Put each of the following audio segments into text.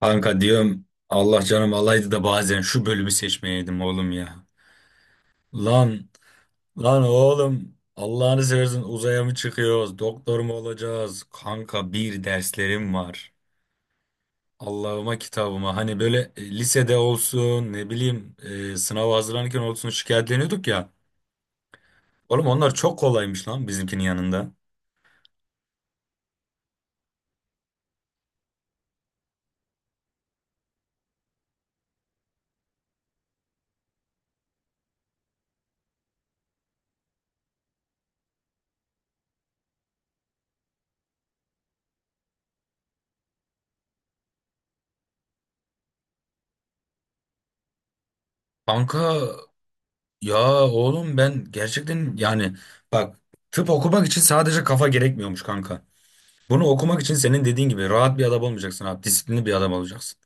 Kanka diyorum Allah canım alaydı da bazen şu bölümü seçmeyeydim oğlum ya. Lan lan oğlum Allah'ını seversen uzaya mı çıkıyoruz? Doktor mu olacağız? Kanka bir derslerim var. Allah'ıma kitabıma hani böyle lisede olsun ne bileyim sınava hazırlanırken olsun şikayetleniyorduk ya. Oğlum onlar çok kolaymış lan bizimkinin yanında. Kanka ya oğlum ben gerçekten yani bak tıp okumak için sadece kafa gerekmiyormuş kanka. Bunu okumak için senin dediğin gibi rahat bir adam olmayacaksın abi. Disiplinli bir adam olacaksın.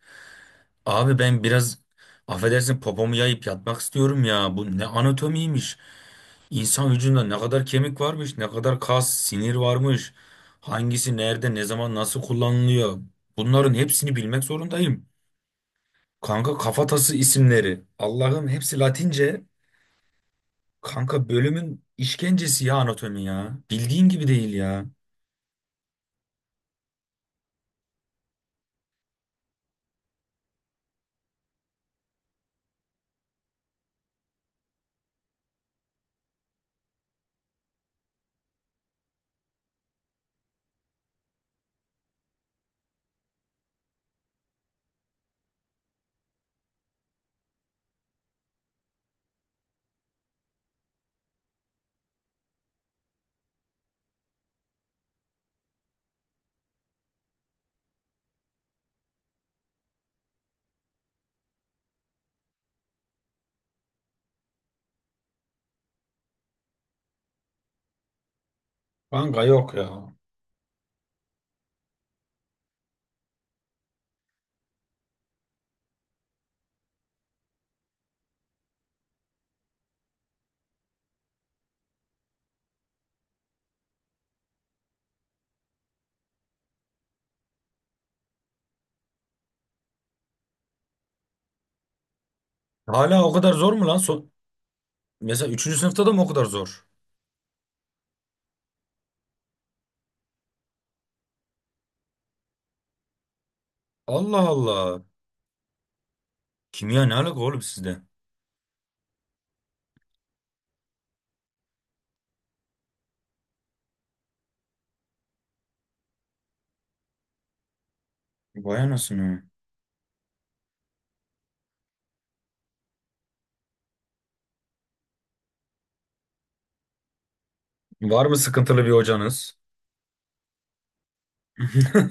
Abi ben biraz affedersin popomu yayıp yatmak istiyorum ya. Bu ne anatomiymiş. İnsan vücudunda ne kadar kemik varmış, ne kadar kas, sinir varmış. Hangisi nerede, ne zaman, nasıl kullanılıyor. Bunların hepsini bilmek zorundayım. Kanka kafatası isimleri. Allah'ım hepsi Latince. Kanka bölümün işkencesi ya anatomi ya. Bildiğin gibi değil ya. Kanka yok ya. Hala o kadar zor mu lan? Mesela üçüncü sınıfta da mı o kadar zor? Allah Allah. Kimya ne alaka oğlum sizde? Vay anasını. Var mı sıkıntılı bir hocanız?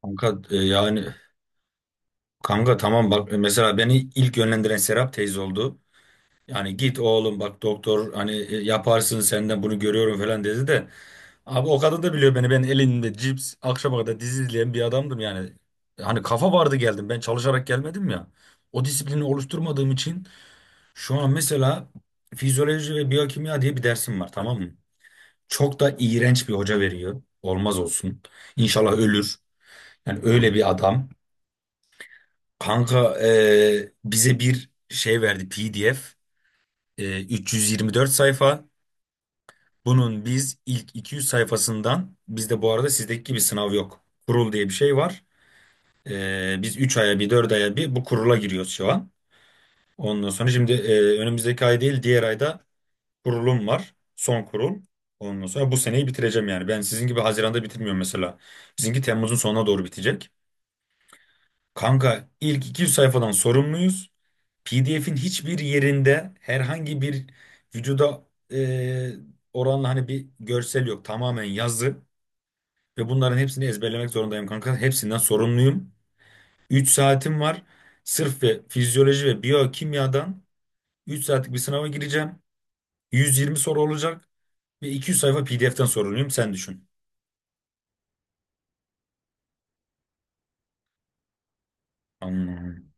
Kanka yani kanka tamam bak mesela beni ilk yönlendiren Serap teyze oldu. Yani git oğlum bak doktor hani yaparsın senden bunu görüyorum falan dedi de. Abi o kadın da biliyor beni, ben elinde cips akşama kadar dizi izleyen bir adamdım yani. Hani kafa vardı geldim, ben çalışarak gelmedim ya. O disiplini oluşturmadığım için şu an mesela fizyoloji ve biyokimya diye bir dersim var tamam mı? Çok da iğrenç bir hoca veriyor. Olmaz olsun. İnşallah ölür. Yani öyle bir adam. Kanka bize bir şey verdi PDF. 324 sayfa. Bunun biz ilk 200 sayfasından, bizde bu arada sizdeki gibi sınav yok. Kurul diye bir şey var. Biz 3 aya bir 4 aya bir bu kurula giriyoruz şu an. Ondan sonra şimdi önümüzdeki ay değil diğer ayda kurulum var. Son kurul. Ondan sonra bu seneyi bitireceğim yani. Ben sizin gibi Haziran'da bitirmiyorum mesela. Bizimki Temmuz'un sonuna doğru bitecek. Kanka ilk 200 sayfadan sorumluyuz. PDF'in hiçbir yerinde herhangi bir vücuda e, oranla hani bir görsel yok. Tamamen yazı ve bunların hepsini ezberlemek zorundayım kanka. Hepsinden sorumluyum. 3 saatim var. Sırf ve fizyoloji ve biyokimyadan 3 saatlik bir sınava gireceğim. 120 soru olacak. Bir 200 sayfa PDF'ten soruluyum sen düşün. Anladım.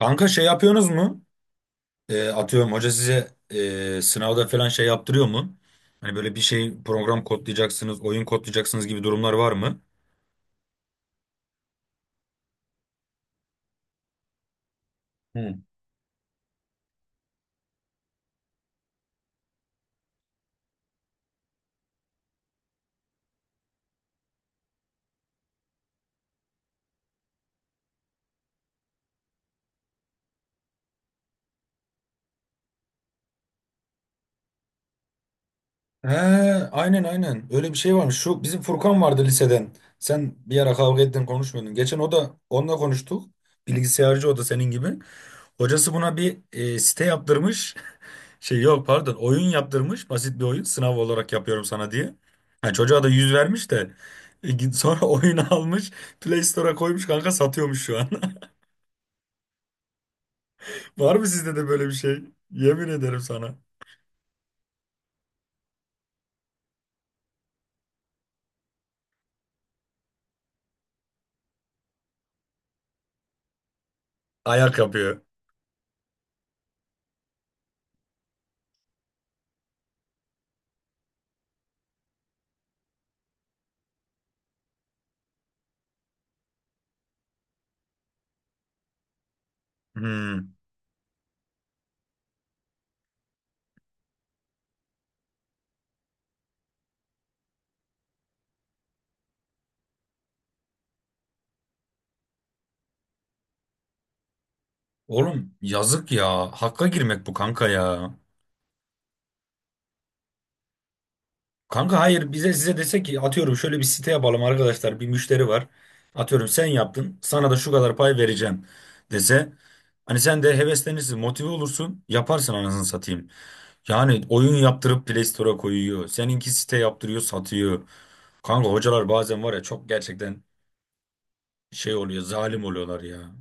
Kanka şey yapıyorsunuz mu? Atıyorum hoca size sınavda falan şey yaptırıyor mu? Hani böyle bir şey, program kodlayacaksınız, oyun kodlayacaksınız gibi durumlar var mı? Hı. He, aynen aynen. Öyle bir şey varmış. Şu bizim Furkan vardı liseden. Sen bir ara kavga ettin konuşmuyordun. Geçen o da onunla konuştuk. Bilgisayarcı o da senin gibi. Hocası buna bir site yaptırmış. Şey yok pardon, oyun yaptırmış. Basit bir oyun. Sınav olarak yapıyorum sana diye. Ha, çocuğa da yüz vermiş de. Sonra oyunu almış. Play Store'a koymuş kanka, satıyormuş şu an. Var mı sizde de böyle bir şey? Yemin ederim sana. Ayak yapıyor. Hmm. Oğlum yazık ya. Hakka girmek bu kanka ya. Kanka hayır, bize size dese ki atıyorum şöyle bir site yapalım arkadaşlar, bir müşteri var. Atıyorum sen yaptın, sana da şu kadar pay vereceğim dese. Hani sen de heveslenirsin, motive olursun, yaparsın anasını satayım. Yani oyun yaptırıp Play Store'a koyuyor. Seninki site yaptırıyor, satıyor. Kanka hocalar bazen var ya, çok gerçekten şey oluyor, zalim oluyorlar ya.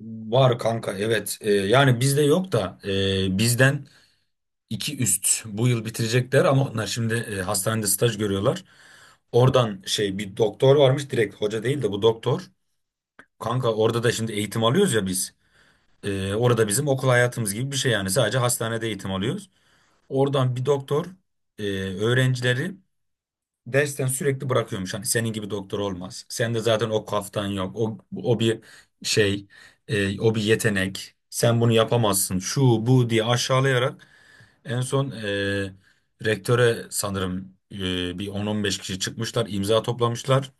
Var kanka, evet. Yani bizde yok da bizden iki üst bu yıl bitirecekler ama onlar şimdi hastanede staj görüyorlar. Oradan şey, bir doktor varmış, direkt hoca değil de bu doktor. Kanka orada da şimdi eğitim alıyoruz ya biz. Orada bizim okul hayatımız gibi bir şey yani, sadece hastanede eğitim alıyoruz. Oradan bir doktor e, öğrencileri dersten sürekli bırakıyormuş. Hani senin gibi doktor olmaz. Sen de zaten o kaftan yok. O bir şey, o bir yetenek. Sen bunu yapamazsın. Şu bu diye aşağılayarak en son rektöre sanırım bir on on beş kişi çıkmışlar, imza toplamışlar.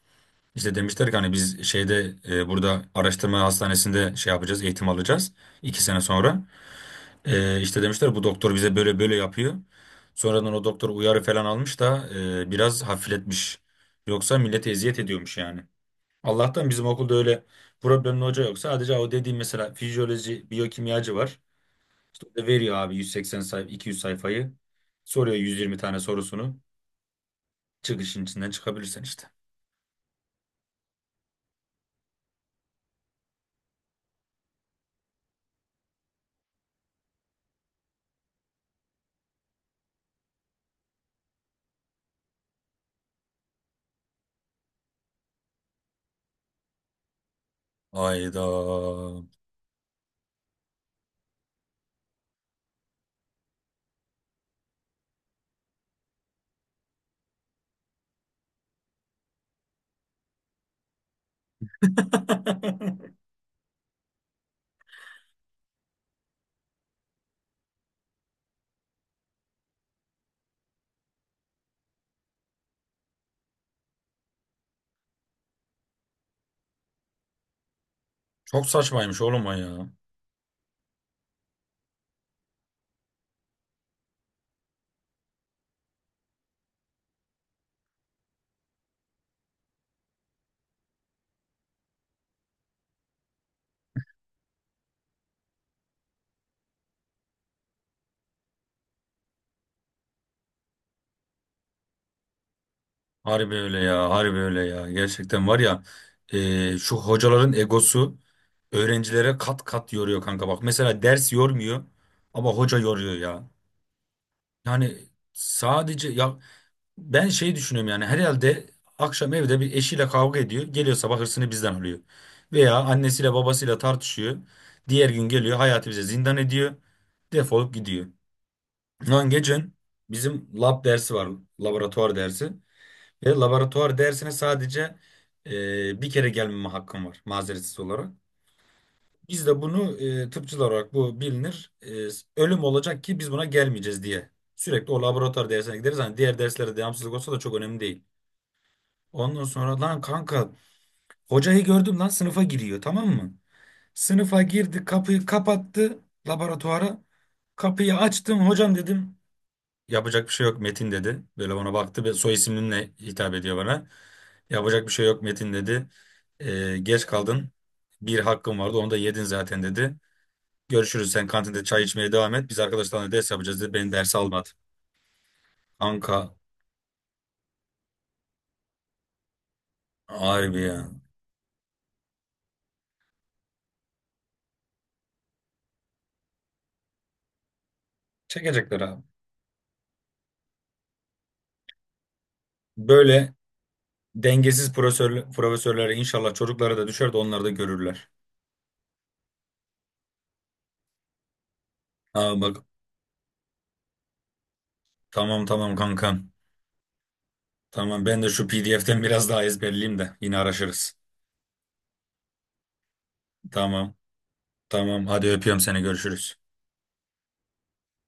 İşte demişler ki hani biz şeyde burada araştırma hastanesinde şey yapacağız, eğitim alacağız 2 sene sonra. İşte demişler bu doktor bize böyle böyle yapıyor. Sonradan o doktor uyarı falan almış da biraz hafifletmiş. Yoksa millete eziyet ediyormuş yani. Allah'tan bizim okulda öyle problemli hoca yok. Sadece o dediğim mesela fizyoloji, biyokimyacı var. İşte o da veriyor abi 180 sayfa 200 sayfayı. Soruyor 120 tane sorusunu. Çıkışın içinden çıkabilirsen işte. Ayda. Çok saçmaymış oğlum o ya. Harbi öyle ya, harbi öyle ya. Gerçekten var ya, şu hocaların egosu öğrencilere kat kat yoruyor kanka. Bak mesela ders yormuyor ama hoca yoruyor ya. Yani sadece ya, ben şey düşünüyorum yani, herhalde akşam evde bir eşiyle kavga ediyor. Geliyor sabah hırsını bizden alıyor. Veya annesiyle babasıyla tartışıyor. Diğer gün geliyor hayatı bize zindan ediyor. Defolup gidiyor. Lan geçen bizim lab dersi var. Laboratuvar dersi. Ve laboratuvar dersine sadece bir kere gelmeme hakkım var mazeretsiz olarak. Biz de bunu tıpçılar olarak bu bilinir. Ölüm olacak ki biz buna gelmeyeceğiz diye. Sürekli o laboratuvar dersine gideriz. Hani diğer derslere devamsızlık olsa da çok önemli değil. Ondan sonra lan kanka hocayı gördüm lan, sınıfa giriyor tamam mı? Sınıfa girdi, kapıyı kapattı laboratuvara. Kapıyı açtım, hocam dedim. Yapacak bir şey yok Metin dedi. Böyle bana baktı ve soy isminle hitap ediyor bana. Yapacak bir şey yok Metin dedi. "Geç kaldın. Bir hakkın vardı onu da yedin zaten" dedi. "Görüşürüz, sen kantinde çay içmeye devam et. Biz arkadaşlarla ders yapacağız" dedi. Beni derse almadı. Anka harbi ya. Çekecekler abi. Böyle dengesiz profesör, profesörlere inşallah çocuklara da düşer de onlar da görürler. Aa bak, tamam tamam kankam. Tamam, ben de şu PDF'ten biraz daha ezberleyeyim de yine araşırız. Tamam tamam, hadi öpüyorum seni, görüşürüz.